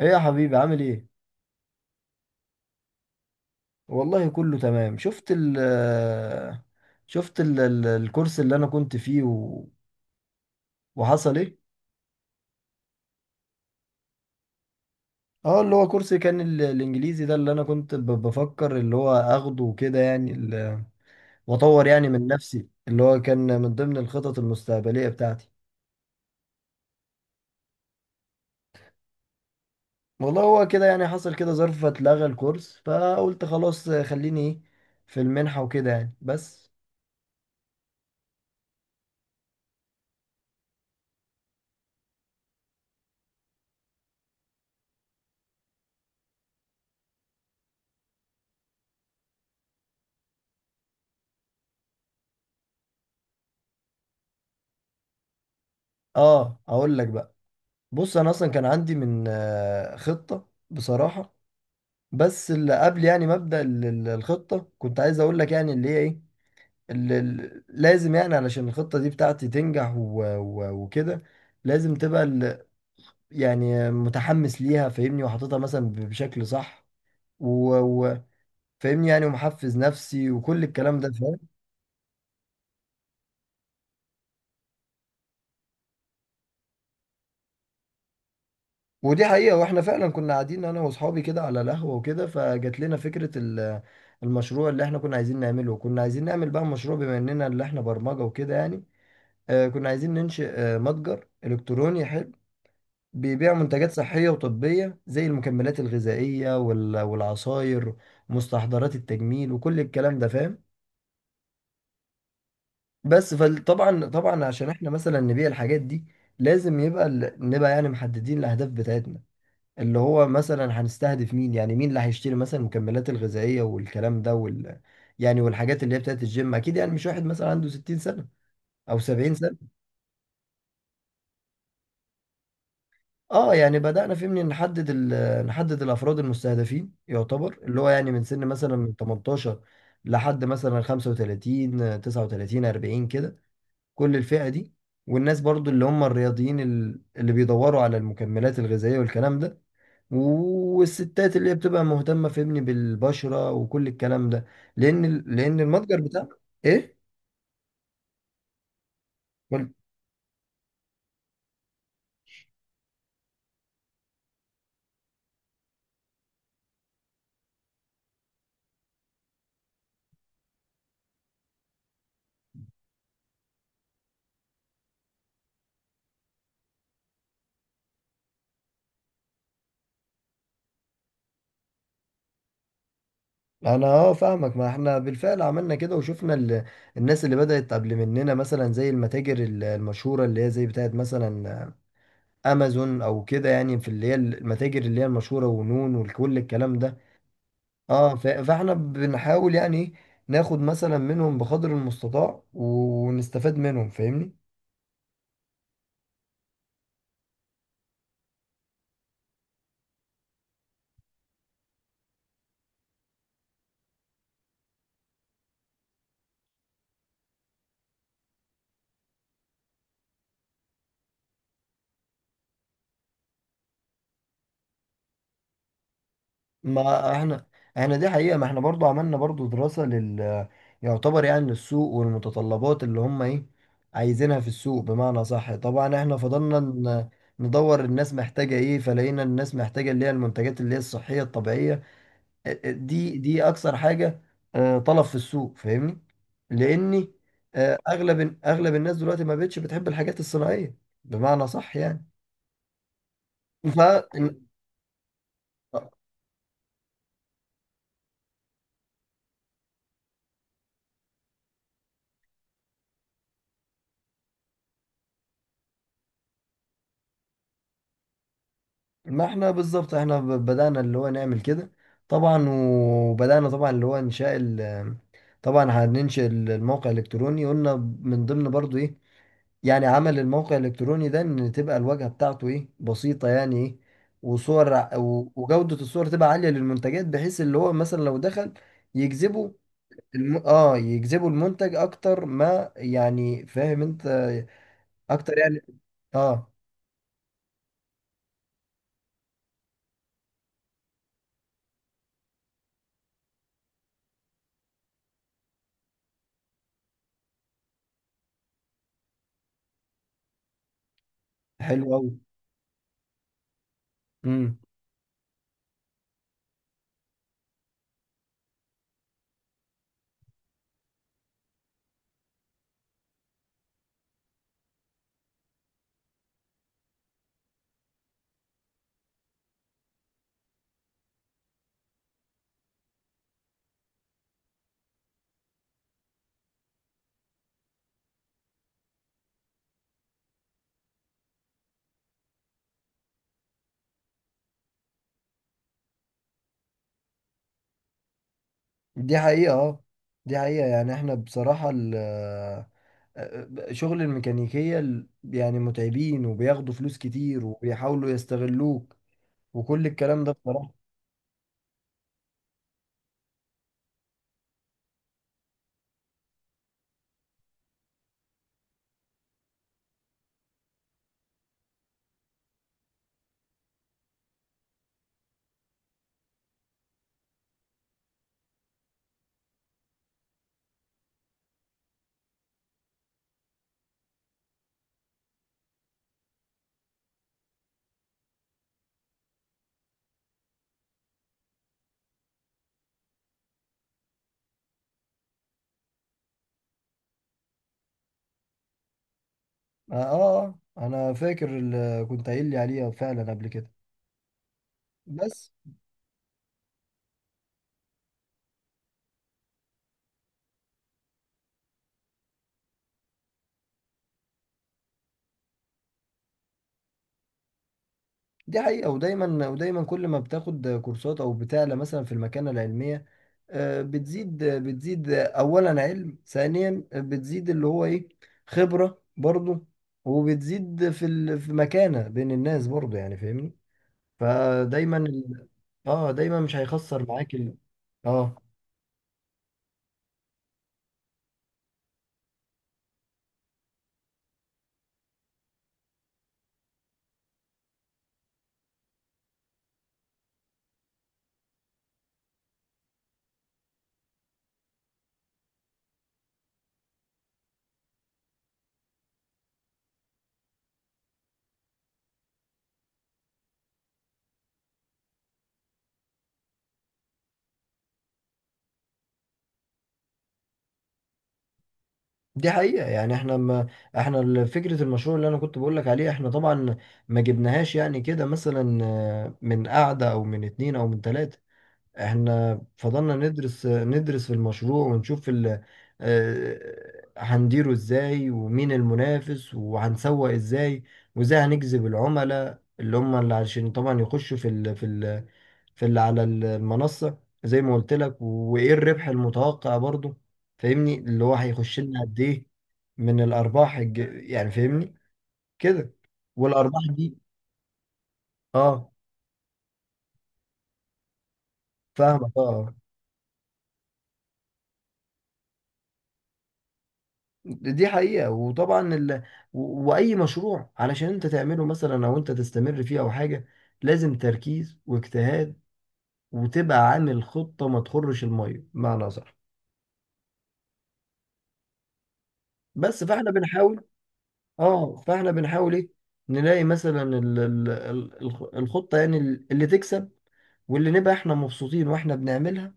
ايه يا حبيبي، عامل ايه؟ والله كله تمام. شفت الكورس اللي انا كنت فيه وحصل ايه. اه، اللي هو كورس كان الانجليزي ده اللي انا كنت بفكر اللي هو اخده وكده، يعني واطور يعني من نفسي، اللي هو كان من ضمن الخطط المستقبلية بتاعتي. والله هو كده، يعني حصل كده ظرف فاتلغى الكورس، فقلت خلاص خليني ايه في المنحة وكده يعني بس. اه، اقول لك بقى، بص انا اصلا كان عندي من خطة بصراحة، بس اللي قبل يعني مبدأ الخطة. كنت عايز اقول لك يعني اللي هي ايه، اللي لازم يعني علشان الخطة دي بتاعتي تنجح وكده. لازم تبقى يعني متحمس ليها، فاهمني، وحاططها مثلا بشكل صح، وفاهمني يعني، ومحفز نفسي وكل الكلام ده، فاهم. ودي حقيقة، واحنا فعلا كنا قاعدين انا واصحابي كده على القهوة وكده، فجات لنا فكرة المشروع اللي احنا كنا عايزين نعمله. وكنا عايزين نعمل بقى مشروع، بما اننا اللي احنا برمجة وكده يعني. كنا عايزين ننشئ متجر إلكتروني حلو، بيبيع منتجات صحية وطبية، زي المكملات الغذائية والعصاير، مستحضرات التجميل وكل الكلام ده، فاهم. بس فطبعا عشان احنا مثلا نبيع الحاجات دي، لازم يبقى نبقى يعني محددين الأهداف بتاعتنا، اللي هو مثلا هنستهدف مين، يعني مين اللي هيشتري مثلا المكملات الغذائية والكلام ده وال، يعني والحاجات اللي هي بتاعت الجيم. أكيد يعني مش واحد مثلا عنده 60 سنة أو 70. اه، يعني بدأنا فيه من نحدد نحدد الافراد المستهدفين، يعتبر اللي هو يعني من سن مثلا من 18 لحد مثلا 35، 39، 40 كده، كل الفئة دي. والناس برضو اللي هم الرياضيين اللي بيدوروا على المكملات الغذائية والكلام ده، والستات اللي هي بتبقى مهتمة، فهمني، بالبشرة وكل الكلام ده، لأن المتجر بتاعنا. إيه؟ انا اه، فاهمك. ما احنا بالفعل عملنا كده وشفنا الناس اللي بدأت قبل مننا، مثلا زي المتاجر المشهورة اللي هي زي بتاعت مثلا امازون او كده يعني، في اللي هي المتاجر اللي هي المشهورة ونون وكل الكلام ده. اه، فاحنا بنحاول يعني إيه، ناخد مثلا منهم بقدر المستطاع ونستفاد منهم، فاهمني. ما احنا دي حقيقة، ما احنا برضو عملنا برضو دراسة لل، يعتبر يعني للسوق، والمتطلبات اللي هم ايه عايزينها في السوق، بمعنى صح. طبعا احنا فضلنا ندور الناس محتاجة ايه، فلقينا الناس محتاجة اللي هي المنتجات اللي هي الصحية الطبيعية. دي اكثر حاجة طلب في السوق، فاهمني. لاني اغلب الناس دلوقتي ما بقتش بتحب الحاجات الصناعية، بمعنى صح يعني. ف، ما احنا بالظبط احنا بدأنا اللي هو نعمل كده طبعا. وبدأنا طبعا اللي هو انشاء ال، طبعا هننشئ الموقع الالكتروني، قلنا من ضمن برضو ايه يعني عمل الموقع الالكتروني ده، ان تبقى الواجهة بتاعته ايه، بسيطة يعني ايه، وصور وجودة الصور تبقى عالية للمنتجات، بحيث اللي هو مثلا لو دخل يجذبه اه، يجذبوا المنتج اكتر، ما يعني فاهم انت، اكتر يعني. اه، حلو قوي. دي حقيقة اه، دي حقيقة يعني احنا بصراحة ال شغل الميكانيكية يعني متعبين، وبياخدوا فلوس كتير، وبيحاولوا يستغلوك وكل الكلام ده بصراحة. اه انا فاكر اللي كنت قايل لي عليها فعلا قبل كده، بس دي حقيقة. ودايما كل ما بتاخد كورسات أو بتعلى مثلا في المكانة العلمية، بتزيد أولا علم، ثانيا بتزيد اللي هو إيه، خبرة برضه، وبتزيد في في مكانة بين الناس برضه يعني، فاهمني. فدايما اه دايما مش هيخسر معاك ال، اه دي حقيقة يعني. احنا ما احنا ال- فكرة المشروع اللي انا كنت بقول لك عليه، احنا طبعا ما جبناهاش يعني كده مثلا، من قعدة او من اتنين او من تلاتة. احنا فضلنا ندرس في المشروع ونشوف هنديره ازاي، ومين المنافس، وهنسوق ازاي، وازاي هنجذب العملاء، اللي هم اللي عشان طبعا يخشوا في اللي على المنصة، زي ما قلت لك، وايه الربح المتوقع برضو، فاهمني، اللي هو هيخش لنا قد ايه من الارباح يعني فاهمني كده. والارباح دي اه، فاهمك اه، آه. دي حقيقة، وطبعا وأي مشروع علشان أنت تعمله مثلا أو أنت تستمر فيه أو حاجة، لازم تركيز واجتهاد، وتبقى عامل خطة ما تخرش المية، بمعنى صح. بس فاحنا بنحاول اه فاحنا بنحاول ايه، نلاقي مثلا الخطة يعني اللي تكسب، واللي نبقى احنا مبسوطين واحنا بنعملها،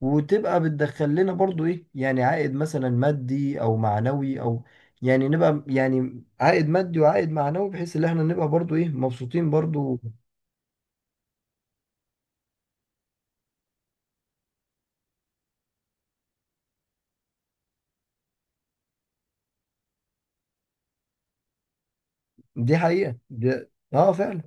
وتبقى بتدخل لنا برضو ايه، يعني عائد مثلا مادي او معنوي او، يعني نبقى يعني عائد مادي وعائد معنوي، بحيث ان احنا نبقى برضو ايه، مبسوطين برضو. دي حقيقة اه فعلا.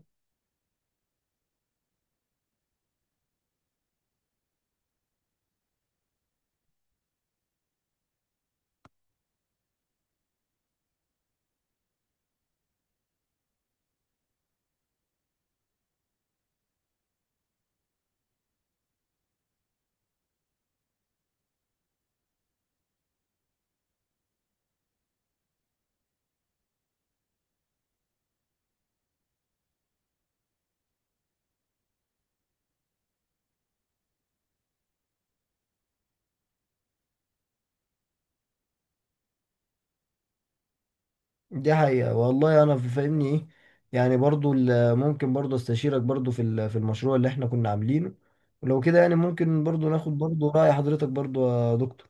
دي حقيقة والله، انا فاهمني ايه يعني، برضو ممكن برضو استشيرك برضو في في المشروع اللي احنا كنا عاملينه، ولو كده يعني ممكن برضو ناخد برضو رأي حضرتك برضو يا دكتور.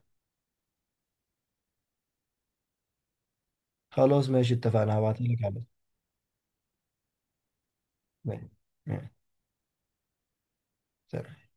خلاص ماشي، اتفقنا. هبعتلك على، ماشي. ماشي. سلام.